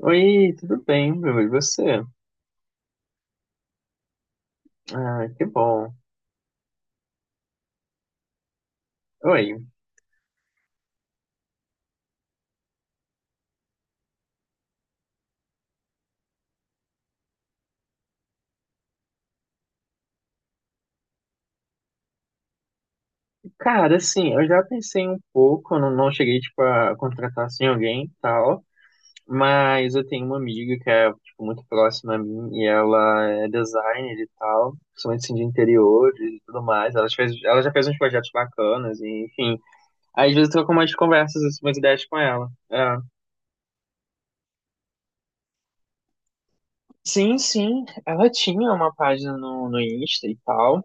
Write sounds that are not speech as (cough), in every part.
Oi, tudo bem, meu. E você? Ah, que bom. Oi, cara, assim, eu já pensei um pouco, eu não, não cheguei, tipo, a contratar, assim, alguém e tal, mas eu tenho uma amiga que é, tipo, muito próxima a mim e ela é designer e tal, principalmente, assim, de interiores e tudo mais. Ela já fez uns projetos bacanas e, enfim, aí, às vezes eu troco umas conversas, assim, umas ideias com ela. É. Sim, sim, ela tinha uma página no Insta e tal,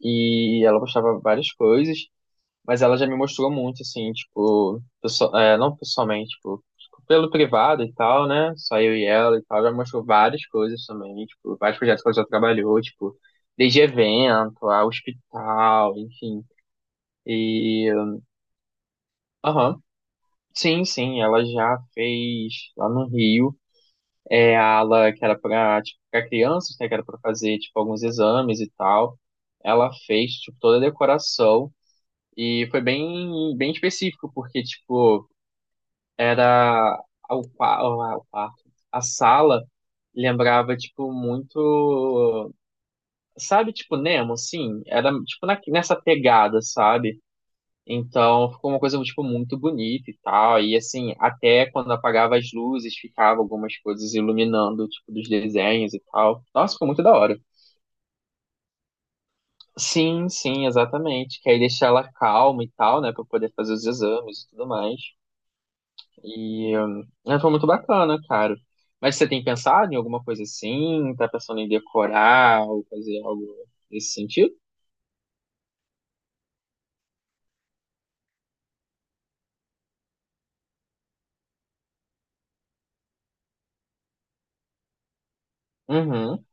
e ela postava várias coisas, mas ela já me mostrou muito, assim, tipo, é, não pessoalmente, tipo, pelo privado e tal, né? Só eu e ela e tal, já me mostrou várias coisas também, tipo, vários projetos que ela já trabalhou, tipo, desde evento, a hospital, enfim. E, aham, sim, sim, ela já fez lá no Rio, é, a ala que era pra, tipo, pra crianças, né? Que era pra fazer, tipo, alguns exames e tal. Ela fez, tipo, toda a decoração. E foi bem, bem específico, porque, tipo, era o quarto, a sala lembrava, tipo, muito, sabe, tipo, Nemo, assim, era, tipo, nessa pegada, sabe? Então, ficou uma coisa, tipo, muito bonita e tal, e, assim, até quando apagava as luzes, ficava algumas coisas iluminando, tipo, dos desenhos e tal. Nossa, ficou muito da hora. Sim, sim, exatamente, que aí deixar ela calma e tal, né, pra poder fazer os exames e tudo mais. E é, foi muito bacana, cara. Mas você tem pensado em alguma coisa assim? Tá pensando em decorar ou fazer algo nesse sentido? Uhum,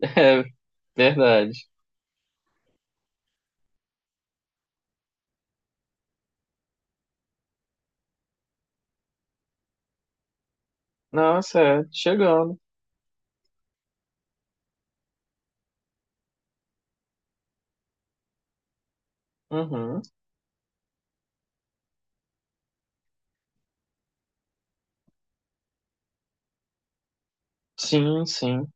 (laughs) é verdade. Nossa, é, chegando. Uhum, sim, sim.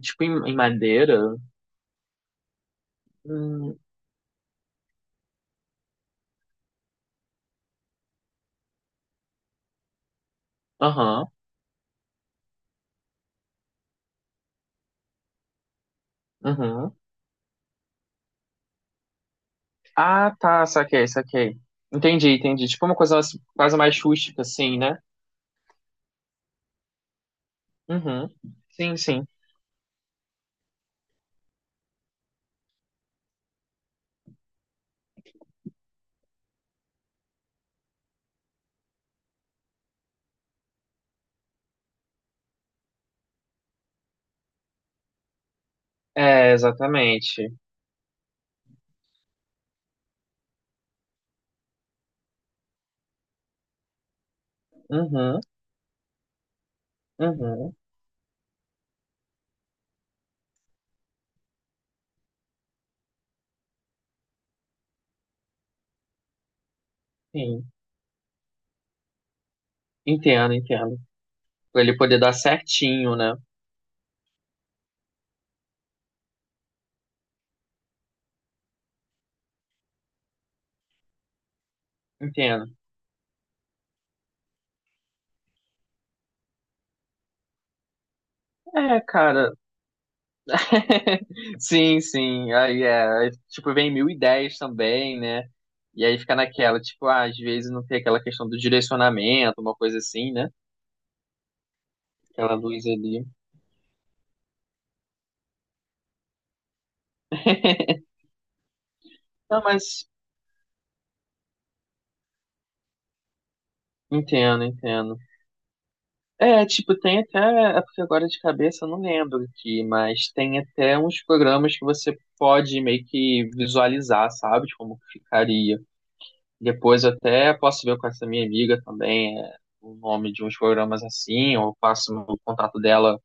Tipo em madeira? Hum, Aham, uhum, ah, tá, saquei, saquei. Entendi, entendi. Tipo uma coisa assim, quase mais rústica assim, né? Uhum, sim, sim. É, exatamente. Uhum, uhum, sim. Entendo, entendo. Pra ele poder dar certinho, né? Entendo. É, cara. (laughs) Sim, sim. Aí é. Aí, tipo, vem mil ideias também, né? E aí fica naquela, tipo, ah, às vezes não tem aquela questão do direcionamento, uma coisa assim, né? Aquela luz ali. (laughs) Não, mas entendo, entendo. É, tipo, tem até, é porque agora de cabeça eu não lembro aqui, mas tem até uns programas que você pode meio que visualizar, sabe? De como que ficaria. Depois eu até posso ver com essa minha amiga também é, o nome de uns programas assim, ou eu passo o contato dela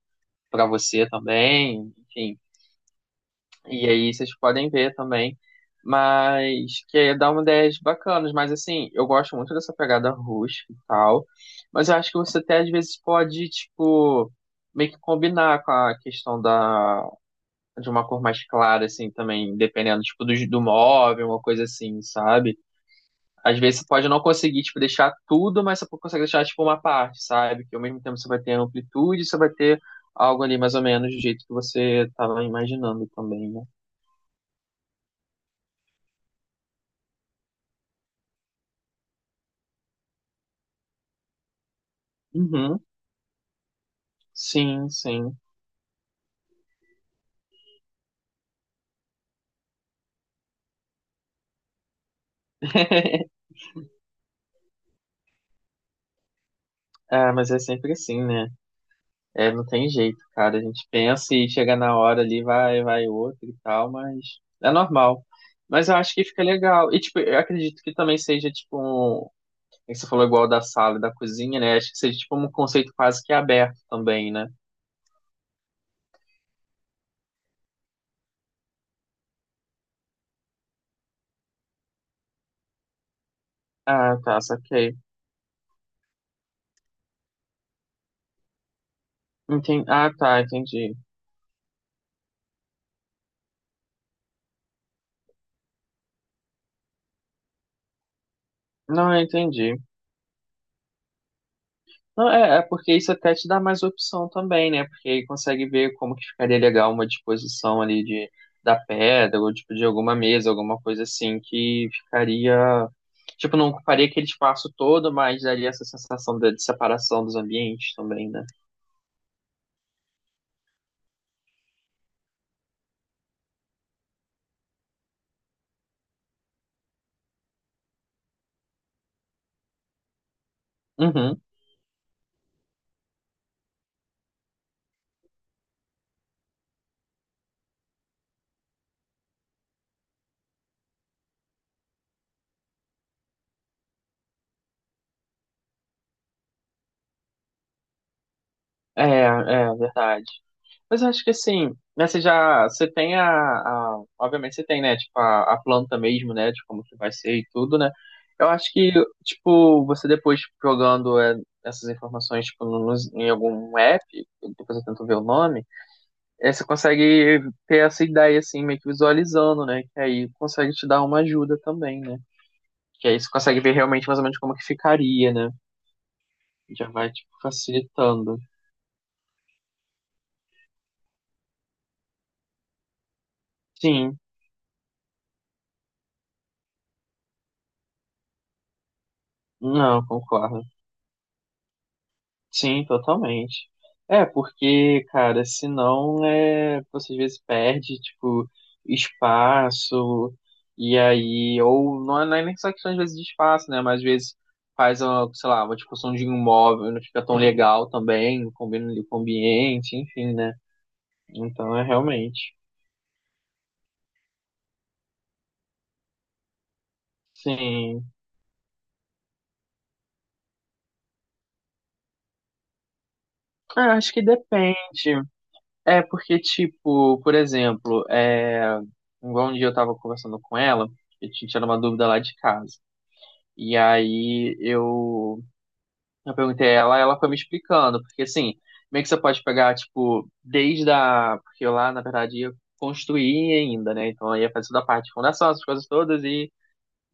para você também, enfim. E aí vocês podem ver também. Mas que dá uma ideias bacanas, mas assim, eu gosto muito dessa pegada rústica e tal. Mas eu acho que você até às vezes pode, tipo, meio que combinar com a questão da, de uma cor mais clara, assim, também, dependendo, tipo, do móvel, uma coisa assim, sabe? Às vezes você pode não conseguir, tipo, deixar tudo, mas você consegue deixar, tipo, uma parte, sabe? Que ao mesmo tempo você vai ter amplitude, você vai ter algo ali mais ou menos do jeito que você estava imaginando também, né? Uhum. Sim, sim. (laughs) Ah, mas é sempre assim, né? É, não tem jeito, cara. A gente pensa e chega na hora ali, vai, vai outro e tal, mas é normal. Mas eu acho que fica legal. E, tipo, eu acredito que também seja, tipo, um... é que você falou igual da sala e da cozinha, né? Acho que seja, tipo, um conceito quase que aberto também, né? Ah, tá, saquei. Entendi. Ah, tá, entendi. Não, eu entendi. Não, é porque isso até te dá mais opção também, né? Porque aí consegue ver como que ficaria legal uma disposição ali da pedra, ou tipo de alguma mesa, alguma coisa assim, que ficaria. Tipo, não ocuparia aquele espaço todo, mas daria essa sensação de separação dos ambientes também, né? Uhum. É verdade. Mas eu acho que assim, né, você tem obviamente você tem, né, tipo, a planta mesmo, né, de como que vai ser e tudo, né, eu acho que, tipo, você depois tipo, jogando é, essas informações, tipo, em algum app, depois eu tento ver o nome, é, você consegue ter essa ideia, assim, meio que visualizando, né, que aí consegue te dar uma ajuda também, né, que aí você consegue ver realmente mais ou menos como que ficaria, né, já vai, tipo, facilitando. Sim, não, concordo. Sim, totalmente. É, porque, cara, senão é, você às vezes perde, tipo, espaço, e aí, ou não é, nem só questão às vezes de espaço, né? Mas às vezes faz uma, sei lá, uma discussão de um imóvel, não fica tão legal também, combina ali com o ambiente, enfim, né? Então é realmente. Sim. É, acho que depende. É, porque, tipo, por exemplo, é, igual um dia eu tava conversando com ela, a gente tinha uma dúvida lá de casa. E aí eu perguntei a ela, ela foi me explicando, porque assim, meio que você pode pegar, tipo, desde a. Porque eu lá, na verdade, ia construir ainda, né? Então eu ia fazer toda a parte de fundação, essas coisas todas, e,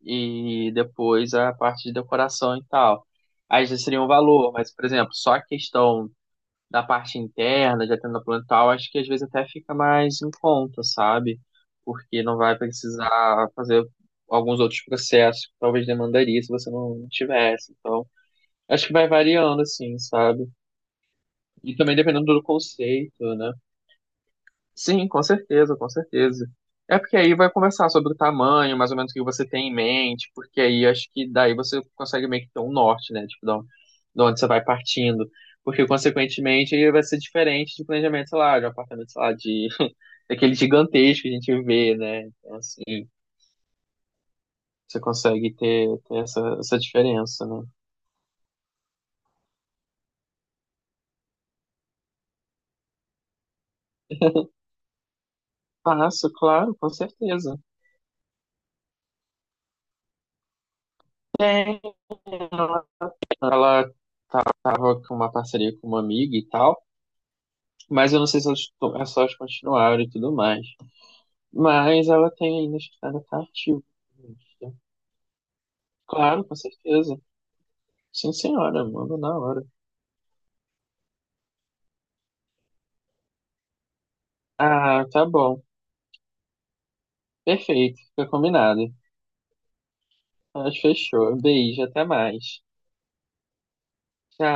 e depois a parte de decoração e tal. Aí já seria um valor, mas, por exemplo, só a questão da parte interna, de atendendo plantal, acho que às vezes até fica mais em conta, sabe? Porque não vai precisar fazer alguns outros processos que talvez demandaria se você não tivesse. Então, acho que vai variando, assim, sabe? E também dependendo do conceito, né? Sim, com certeza, com certeza. É porque aí vai conversar sobre o tamanho, mais ou menos o que você tem em mente, porque aí acho que daí você consegue meio que ter um norte, né? Tipo, de onde você vai partindo. Porque, consequentemente, ele vai ser diferente de planejamento, sei lá, de um apartamento, sei lá, de (laughs) daquele gigantesco que a gente vê, né? Então, assim, você consegue ter, essa diferença, né? Passo, claro, com certeza. Tem. Ela tava com uma parceria com uma amiga e tal. Mas eu não sei se elas, se elas continuaram e tudo mais. Mas ela tem ainda estado tá ativa. Claro, com certeza. Sim, senhora, manda na hora. Ah, tá bom. Perfeito, fica combinado. Mas fechou. Beijo, até mais. Tchau.